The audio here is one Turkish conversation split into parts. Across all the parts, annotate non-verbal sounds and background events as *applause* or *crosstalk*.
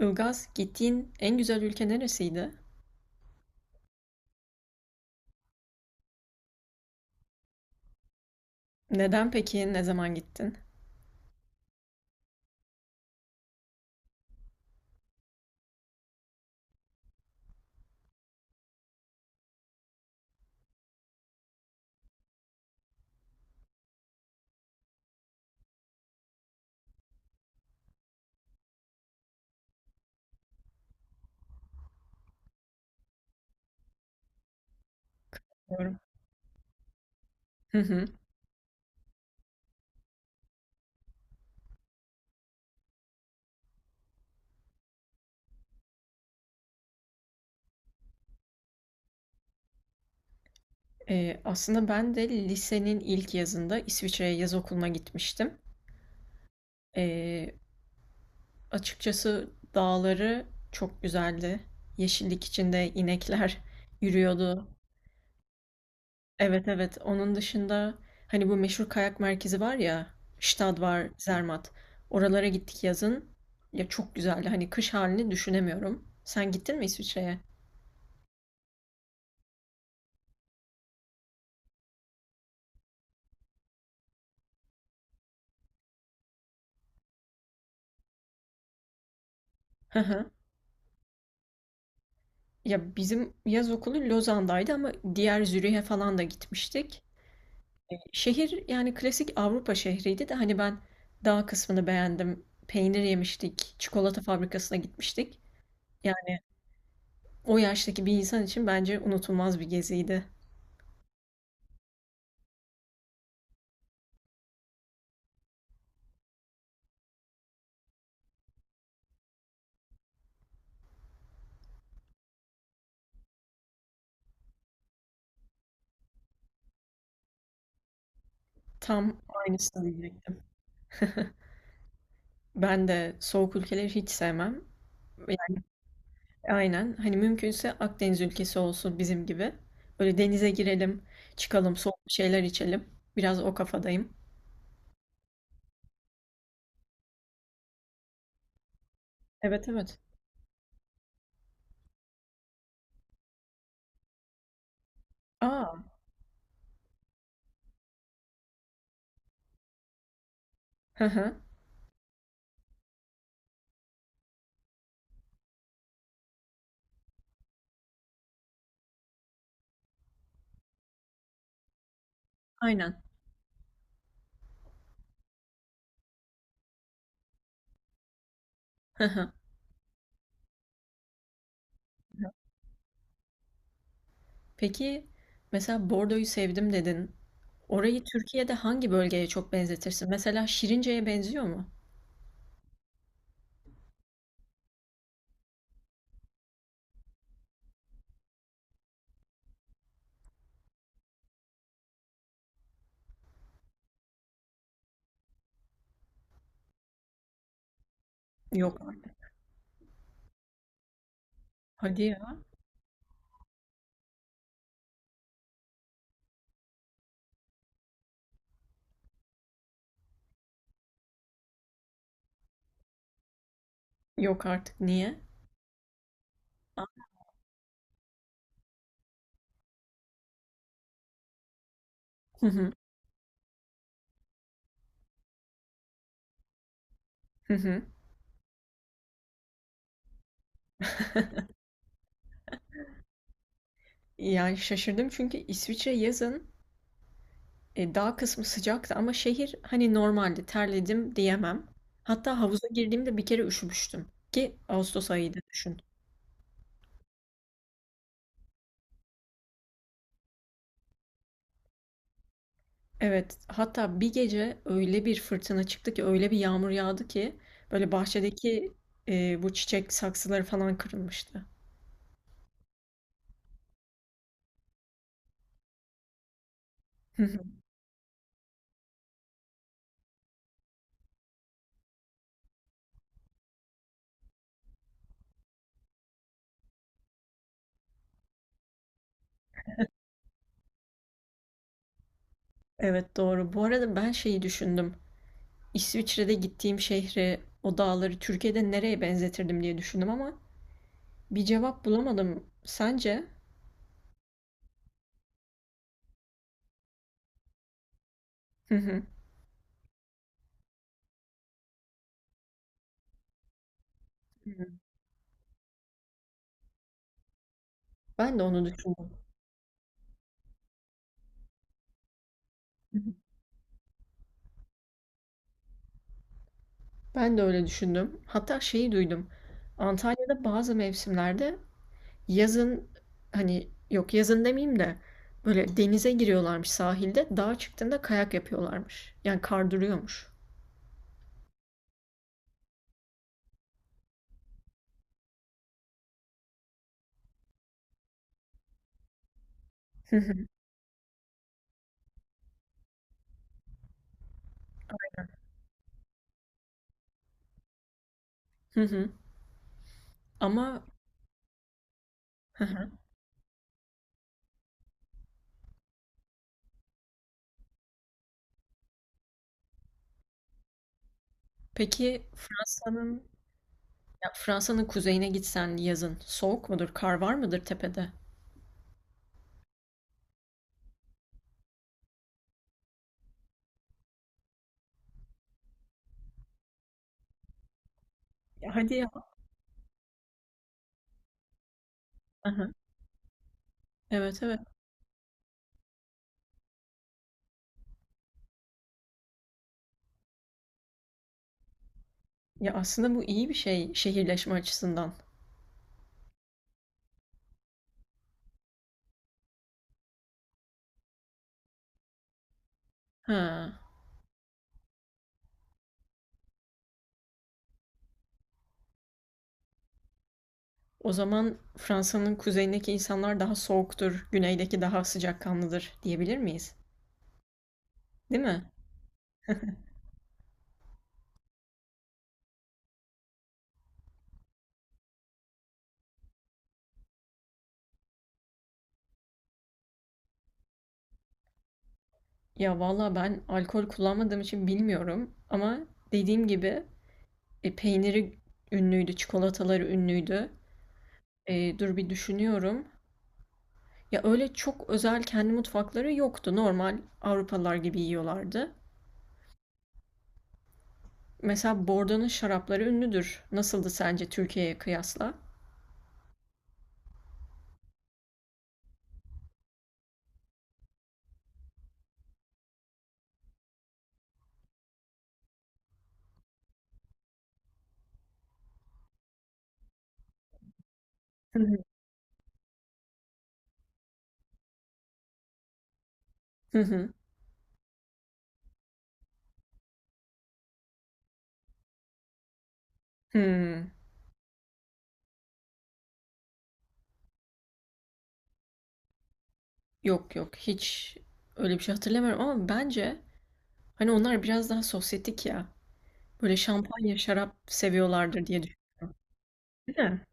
Ilgaz, gittiğin en güzel ülke neresiydi? Neden peki? Ne zaman gittin? Doğru. Hı hı. Aslında ben de lisenin ilk yazında İsviçre'ye yaz okuluna gitmiştim. Ee, Açıkçası dağları çok güzeldi. Yeşillik içinde inekler *laughs* yürüyordu. Evet, evet. Onun dışında hani bu meşhur kayak merkezi var ya, Stad var, Zermatt. Oralara gittik yazın. Ya çok güzeldi. Hani kış halini düşünemiyorum. Sen gittin mi İsviçre'ye? *laughs* Ya bizim yaz okulu Lozan'daydı ama diğer Zürih'e falan da gitmiştik. Şehir yani klasik Avrupa şehriydi de hani ben dağ kısmını beğendim. Peynir yemiştik, çikolata fabrikasına gitmiştik. Yani o yaştaki bir insan için bence unutulmaz bir geziydi. Tam aynısını diyecektim. Ben de soğuk ülkeleri hiç sevmem. Yani aynen hani mümkünse Akdeniz ülkesi olsun bizim gibi. Böyle denize girelim, çıkalım, soğuk bir şeyler içelim. Biraz o kafadayım. Evet, evet. Aa. Hı hı. Aynen. Hı hı. Peki mesela Bordo'yu sevdim dedin. Orayı Türkiye'de hangi bölgeye çok benzetirsin? Mesela Şirince'ye benziyor mu? Yok artık. Hadi ya. Yok artık. Niye? Aa. Hı hı. Hı hı. Yani şaşırdım çünkü İsviçre yazın dağ kısmı sıcaktı ama şehir hani normaldi. Terledim diyemem. Hatta havuza girdiğimde bir kere üşümüştüm. Ki Ağustos ayıydı düşün. Evet, hatta bir gece öyle bir fırtına çıktı ki, öyle bir yağmur yağdı ki böyle bahçedeki bu çiçek saksıları falan kırılmıştı. Hı hı. Evet, doğru. Bu arada ben şeyi düşündüm. İsviçre'de gittiğim şehri, o dağları Türkiye'de nereye benzetirdim diye düşündüm ama bir cevap bulamadım. Sence? Hı hı. Hı hı. Ben de onu düşündüm. Hı hı. Ben de öyle düşündüm. Hatta şeyi duydum. Antalya'da bazı mevsimlerde yazın hani yok yazın demeyeyim de böyle denize giriyorlarmış sahilde. Dağa çıktığında kayak yapıyorlarmış. Yani kar duruyormuş. Hı hı. Hı hı. Ama hı hı. Peki Fransa'nın ya Fransa'nın kuzeyine gitsen yazın soğuk mudur? Kar var mıdır tepede? Ya hadi ya. Hı hı. Evet, evet. Ya aslında bu iyi bir şey şehirleşme açısından. Ha. O zaman Fransa'nın kuzeyindeki insanlar daha soğuktur, güneydeki daha sıcakkanlıdır diyebilir miyiz? Değil mi? Ya valla ben alkol kullanmadığım için bilmiyorum ama dediğim gibi peyniri ünlüydü, çikolataları ünlüydü. Dur bir düşünüyorum. Ya öyle çok özel kendi mutfakları yoktu. Normal Avrupalılar gibi yiyorlardı. Mesela Bordeaux'un şarapları ünlüdür. Nasıldı sence Türkiye'ye kıyasla? Hı hı. Hı hı. Hmm. Yok, yok, hiç öyle bir şey hatırlamıyorum ama bence hani onlar biraz daha sosyetik ya. Böyle şampanya, şarap seviyorlardır diye düşünüyorum. Değil mi?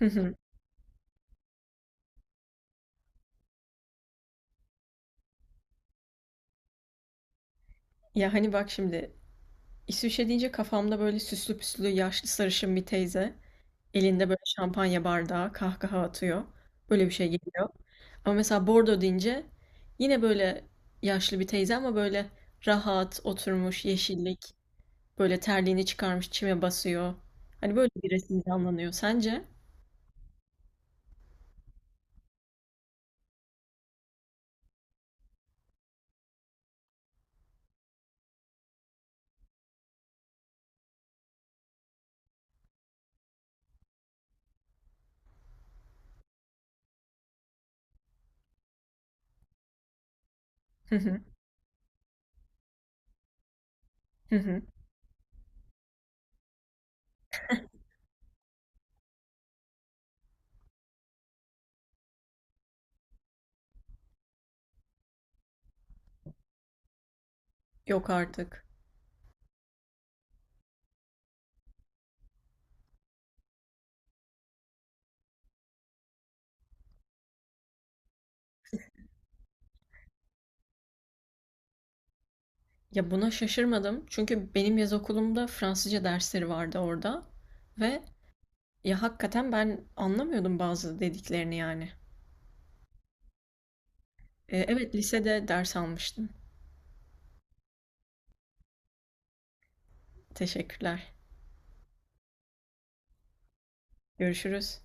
*laughs* Ya hani bak şimdi İsviçre deyince kafamda böyle süslü püslü yaşlı sarışın bir teyze elinde böyle şampanya bardağı kahkaha atıyor. Böyle bir şey geliyor. Ama mesela Bordeaux deyince yine böyle yaşlı bir teyze ama böyle rahat oturmuş yeşillik böyle terliğini çıkarmış çime basıyor. Hani böyle bir resim canlanıyor sence? *laughs* Hı hı, hı hı. Yok artık. Ya buna şaşırmadım çünkü benim yaz okulumda Fransızca dersleri vardı orada ve ya hakikaten ben anlamıyordum bazı dediklerini yani. Evet, lisede ders almıştım. Teşekkürler. Görüşürüz.